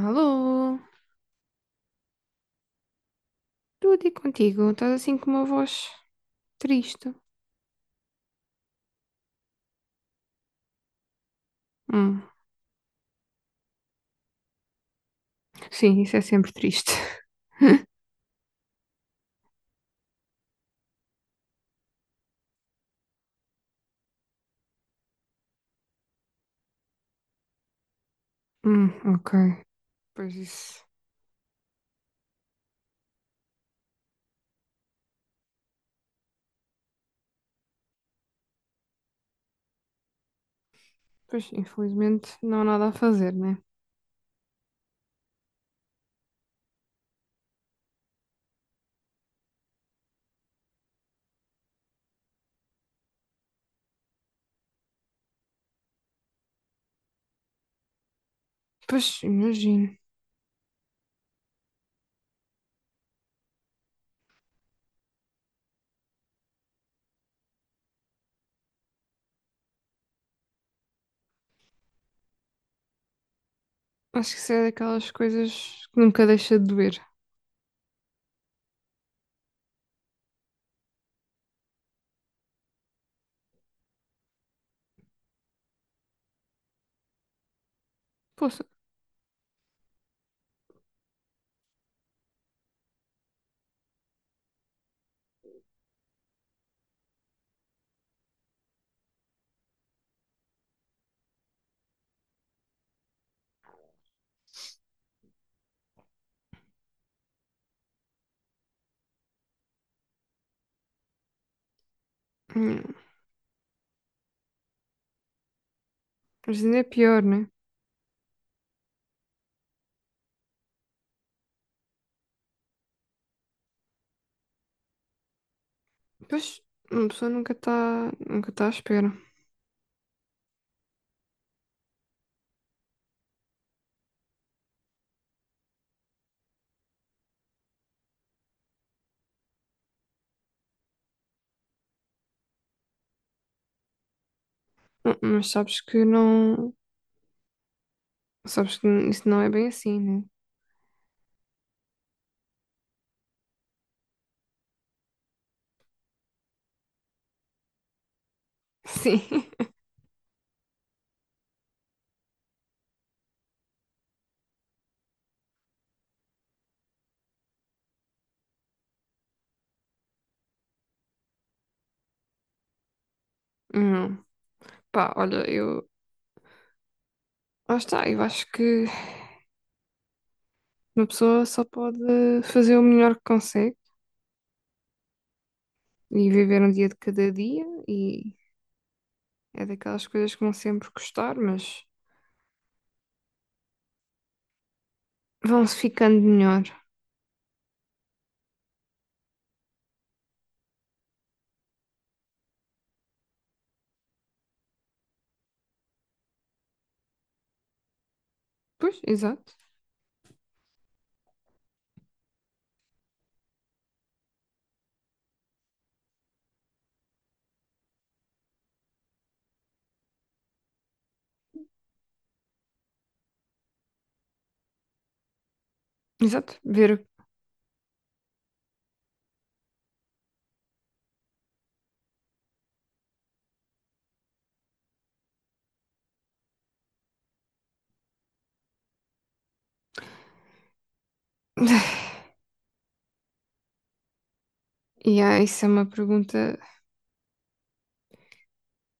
Alô, tudo e contigo? Estás assim com uma voz triste? Hum, sim, isso é sempre triste. Hum, ok. Pois isso. Pois, infelizmente, não há nada a fazer, né? Pois, imagino. Acho que isso é daquelas coisas que nunca deixa de doer. Poxa, hum, mas ainda é pior, né? Pois, uma pessoa nunca está nunca tá à espera. Mas sabes que não. Sabes que isso não é bem assim, né? Sim. Hum, pá, olha, eu. Lá está, eu acho que. Uma pessoa só pode fazer o melhor que consegue e viver um dia de cada dia e é daquelas coisas que vão sempre custar, mas vão-se ficando melhor. Pois, exato. Exato. Ver. E isso é uma pergunta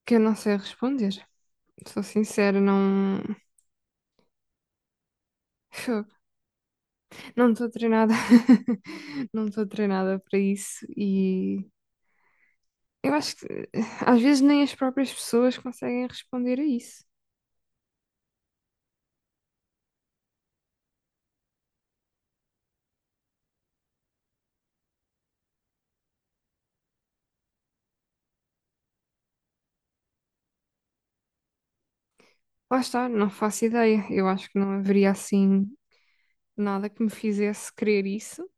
que eu não sei responder. Sou sincera, não. Fogo. Não estou treinada. Não estou treinada para isso e eu acho que às vezes nem as próprias pessoas conseguem responder a isso. Lá está, não faço ideia. Eu acho que não haveria assim nada que me fizesse querer isso.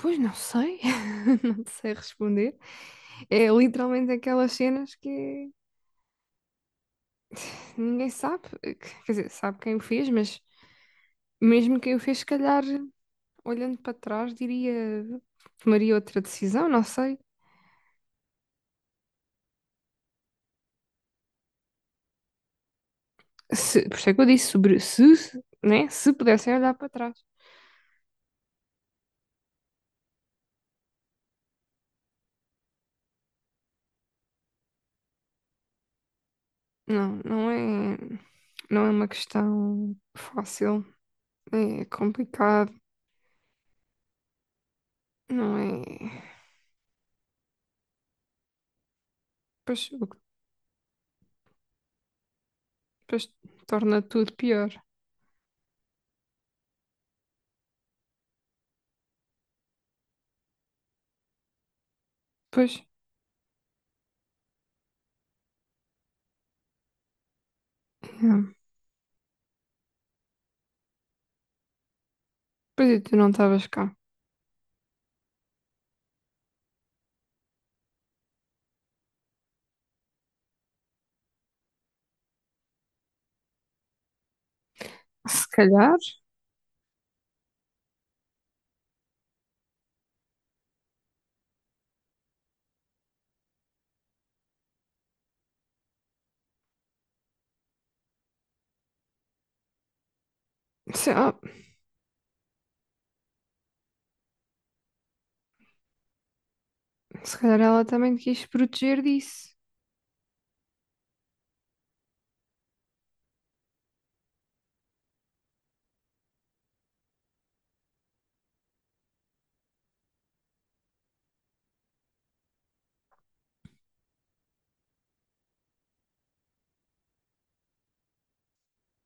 Pois não sei, não sei responder. É literalmente aquelas cenas que ninguém sabe, quer dizer, sabe quem o fez, mas mesmo quem o fez, se calhar, olhando para trás, diria, tomaria outra decisão, não sei. Se, por isso é que eu disse sobre se, né? Se pudessem olhar para trás. Não, não é, não é uma questão fácil, é complicado, não é. Pois, o que Depois torna tudo pior. Pois, yeah. Pois e tu não estavas cá. Se calhar, se, se calhar ela também te quis proteger disso.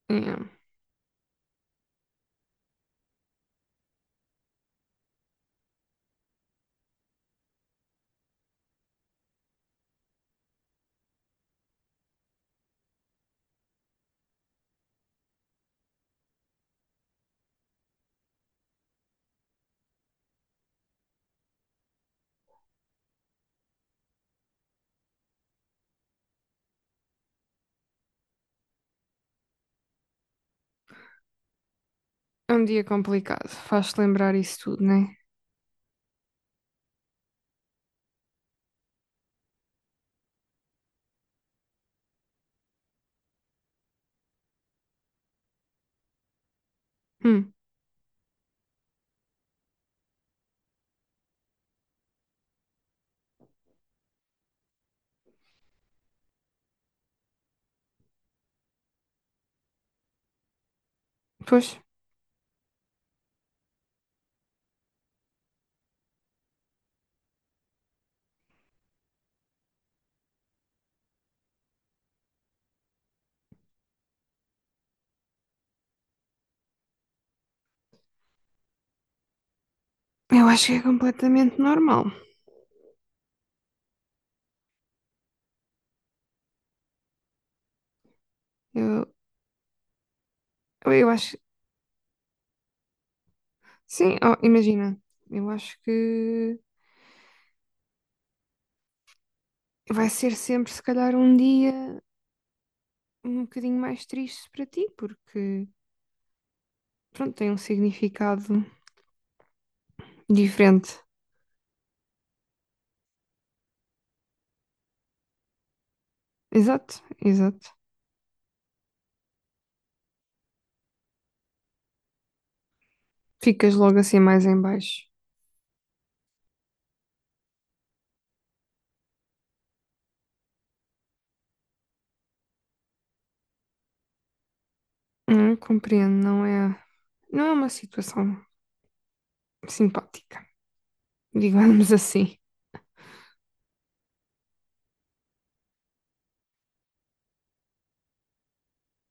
Yeah. É um dia complicado, faz-te lembrar isso tudo, não é? Hum. Pois, eu acho que é completamente normal. Eu, eu acho, sim, oh, imagina, eu acho que vai ser sempre, se calhar, um dia um bocadinho mais triste para ti, porque, pronto, tem um significado diferente. Exato, exato. Ficas logo assim mais em baixo. Compreendo, não é, não é uma situação simpática, digamos assim.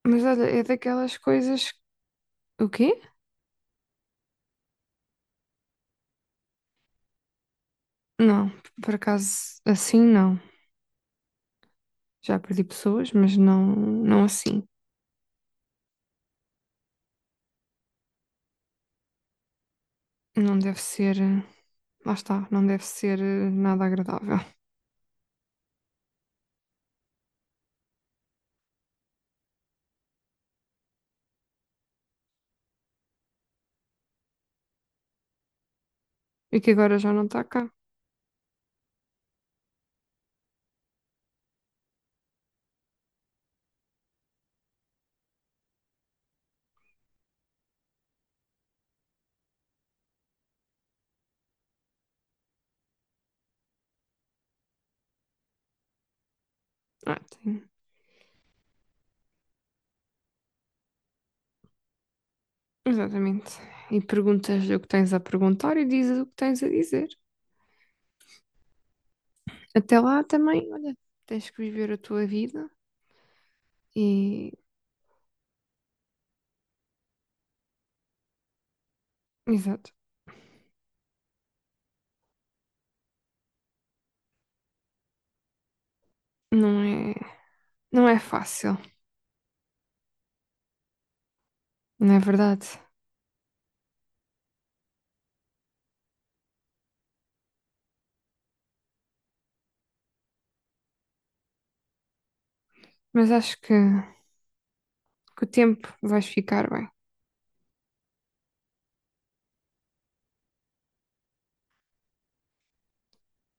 Mas olha, é daquelas coisas. O quê? Não, por acaso assim não. Já perdi pessoas, mas não, não assim. Não deve ser. Lá está, não deve ser nada agradável. E que agora já não está cá. Ah, tem. Exatamente. E perguntas-lhe o que tens a perguntar e dizes o que tens a dizer. Até lá também, olha, tens que viver a tua vida. E, exato, não é, não é fácil, não é verdade? Mas acho que com o tempo vais ficar bem.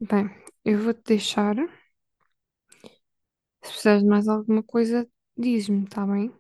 Bem, eu vou-te deixar. Se precisares de mais alguma coisa, diz-me, está bem?